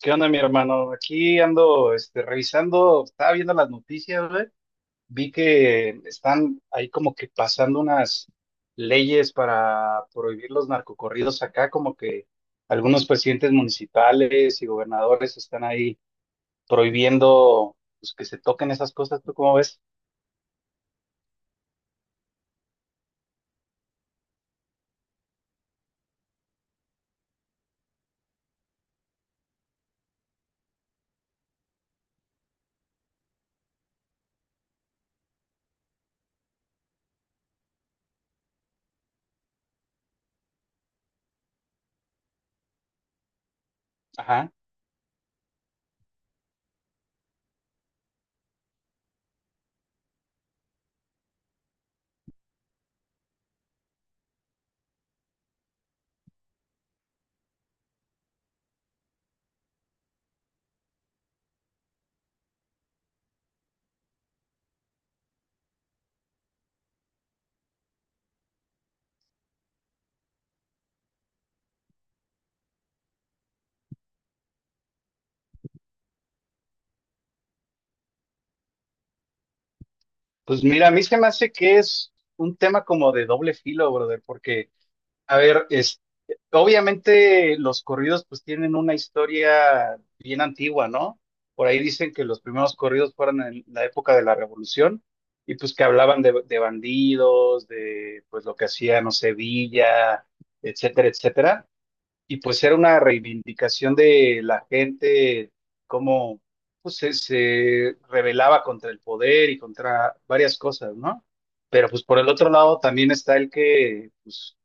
¿Qué onda, mi hermano? Aquí ando, revisando, estaba viendo las noticias, güey. Vi que están ahí como que pasando unas leyes para prohibir los narcocorridos acá, como que algunos presidentes municipales y gobernadores están ahí prohibiendo, pues, que se toquen esas cosas. ¿Tú cómo ves? Ajá. Pues mira, a mí se me hace que es un tema como de doble filo, brother, porque a ver, es, obviamente los corridos pues tienen una historia bien antigua, ¿no? Por ahí dicen que los primeros corridos fueron en la época de la Revolución y pues que hablaban de bandidos, de pues lo que hacía, no sé, Villa, etcétera, etcétera. Y pues era una reivindicación de la gente, cómo pues, se rebelaba contra el poder y contra varias cosas, ¿no? Pero pues por el otro lado también está el que, pues,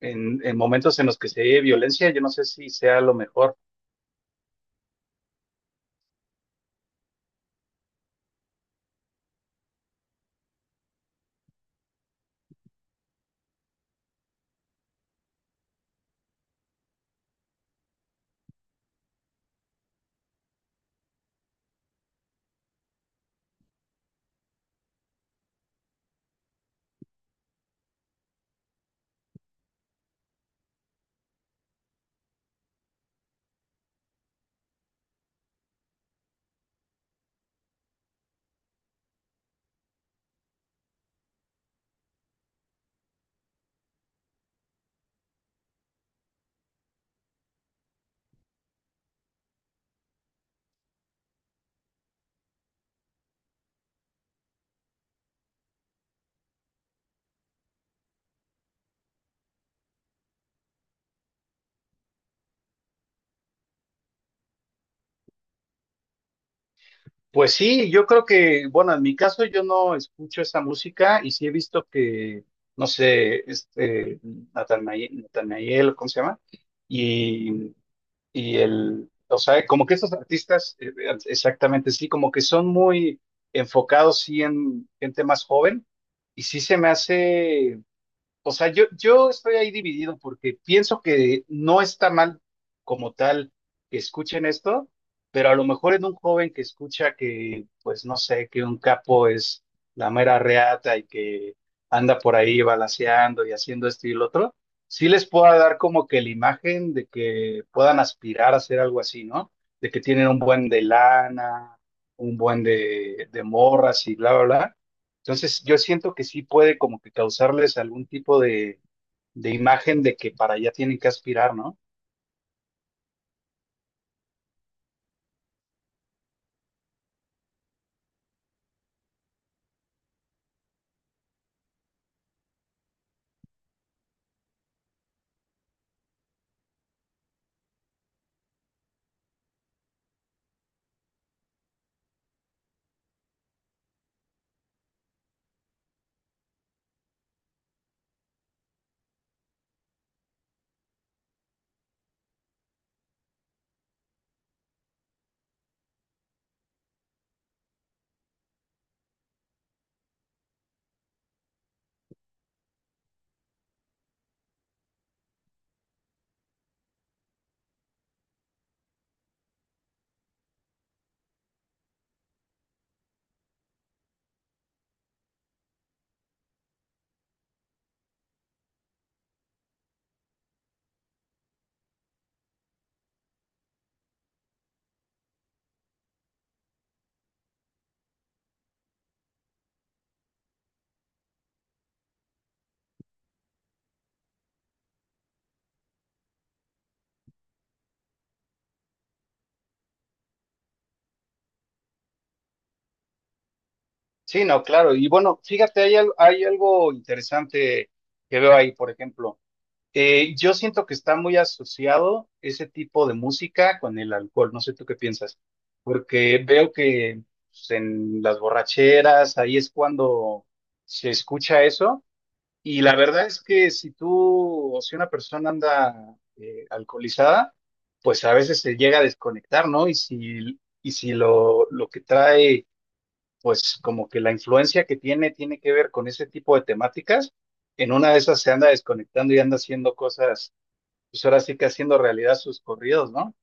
en momentos en los que se ve violencia, yo no sé si sea lo mejor. Pues sí, yo creo que, bueno, en mi caso yo no escucho esa música y sí he visto que, no sé, Natanael, ¿cómo se llama? Y Y el, o sea, como que estos artistas, exactamente, sí, como que son muy enfocados, sí, en gente más joven, y sí se me hace, o sea, yo estoy ahí dividido porque pienso que no está mal como tal que escuchen esto, pero a lo mejor en un joven que escucha que, pues no sé, que un capo es la mera reata y que anda por ahí balaceando y haciendo esto y lo otro, sí les pueda dar como que la imagen de que puedan aspirar a hacer algo así, ¿no? De que tienen un buen de lana, un buen de morras y bla, bla, bla. Entonces, yo siento que sí puede como que causarles algún tipo de imagen de que para allá tienen que aspirar, ¿no? Sí, no, claro. Y bueno, fíjate, hay, al- hay algo interesante que veo ahí, por ejemplo. Yo siento que está muy asociado ese tipo de música con el alcohol. No sé tú qué piensas, porque veo que pues, en las borracheras, ahí es cuando se escucha eso. Y la verdad es que si tú o si una persona anda alcoholizada, pues a veces se llega a desconectar, ¿no? Y si lo, lo que trae, pues como que la influencia que tiene tiene que ver con ese tipo de temáticas, en una de esas se anda desconectando y anda haciendo cosas, pues ahora sí que haciendo realidad sus corridos, ¿no?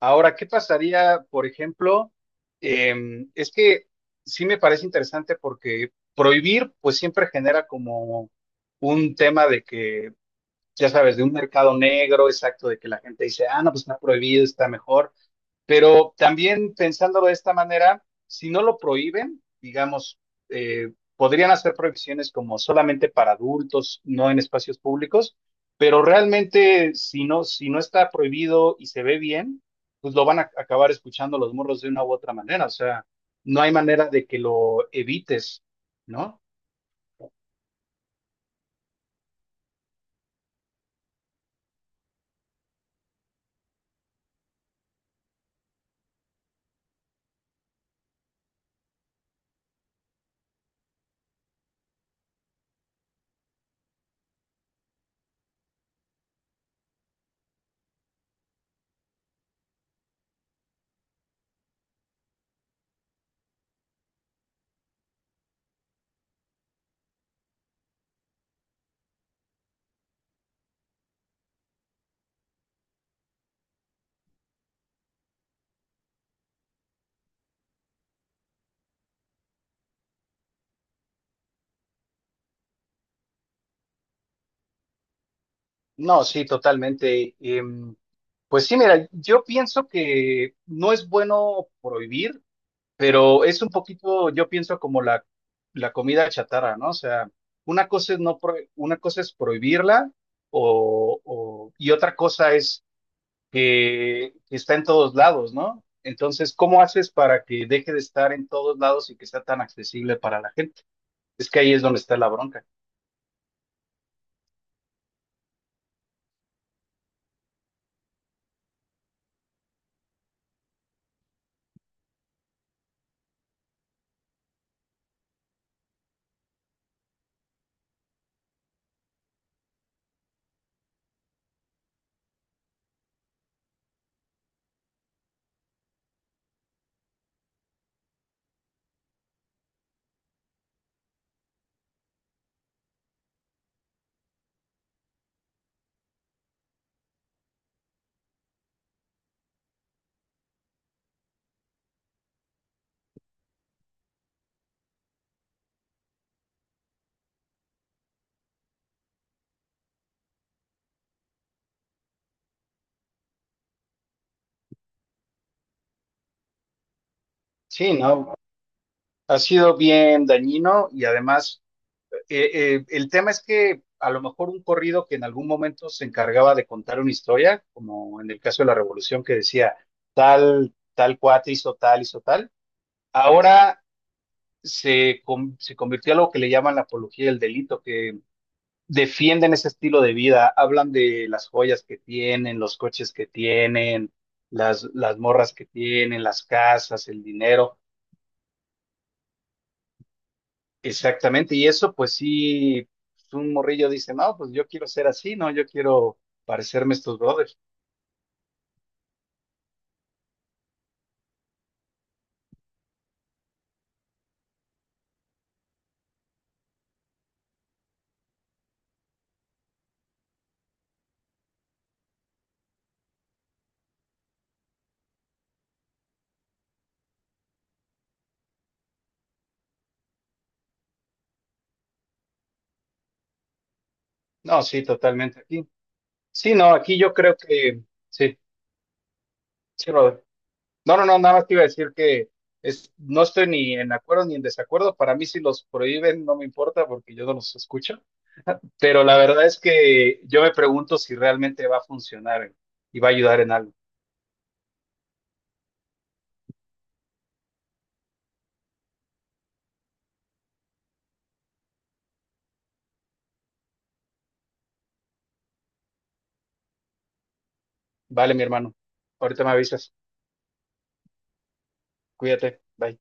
Ahora, ¿qué pasaría, por ejemplo? Es que sí me parece interesante porque prohibir, pues siempre genera como un tema de que, ya sabes, de un mercado negro, exacto, de que la gente dice, ah, no, pues está prohibido, está mejor. Pero también pensándolo de esta manera, si no lo prohíben, digamos, podrían hacer prohibiciones como solamente para adultos, no en espacios públicos, pero realmente si no, si no está prohibido y se ve bien, pues lo van a acabar escuchando los morros de una u otra manera. O sea, no hay manera de que lo evites, ¿no? No, sí, totalmente. Pues sí, mira, yo pienso que no es bueno prohibir, pero es un poquito, yo pienso como la comida chatarra, ¿no? O sea, una cosa es no pro- una cosa es prohibirla o- y otra cosa es que está en todos lados, ¿no? Entonces, ¿cómo haces para que deje de estar en todos lados y que sea tan accesible para la gente? Es que ahí es donde está la bronca. Sí, ¿no? Ha sido bien dañino y además eh, el tema es que a lo mejor un corrido que en algún momento se encargaba de contar una historia, como en el caso de la Revolución que decía tal, tal cuate hizo tal, ahora se, con- se convirtió a lo que le llaman la apología del delito, que defienden ese estilo de vida, hablan de las joyas que tienen, los coches que tienen, las morras que tienen, las casas, el dinero. Exactamente, y eso pues sí, pues, un morrillo dice, no, pues yo quiero ser así, no, yo quiero parecerme a estos brothers. No, sí, totalmente aquí. Sí, no, aquí yo creo que, sí, sí, brother. No, no, no, nada más te iba a decir que es, no estoy ni en acuerdo ni en desacuerdo, para mí si los prohíben no me importa porque yo no los escucho, pero la verdad es que yo me pregunto si realmente va a funcionar, y va a ayudar en algo. Vale, mi hermano, ahorita me avisas, cuídate, bye.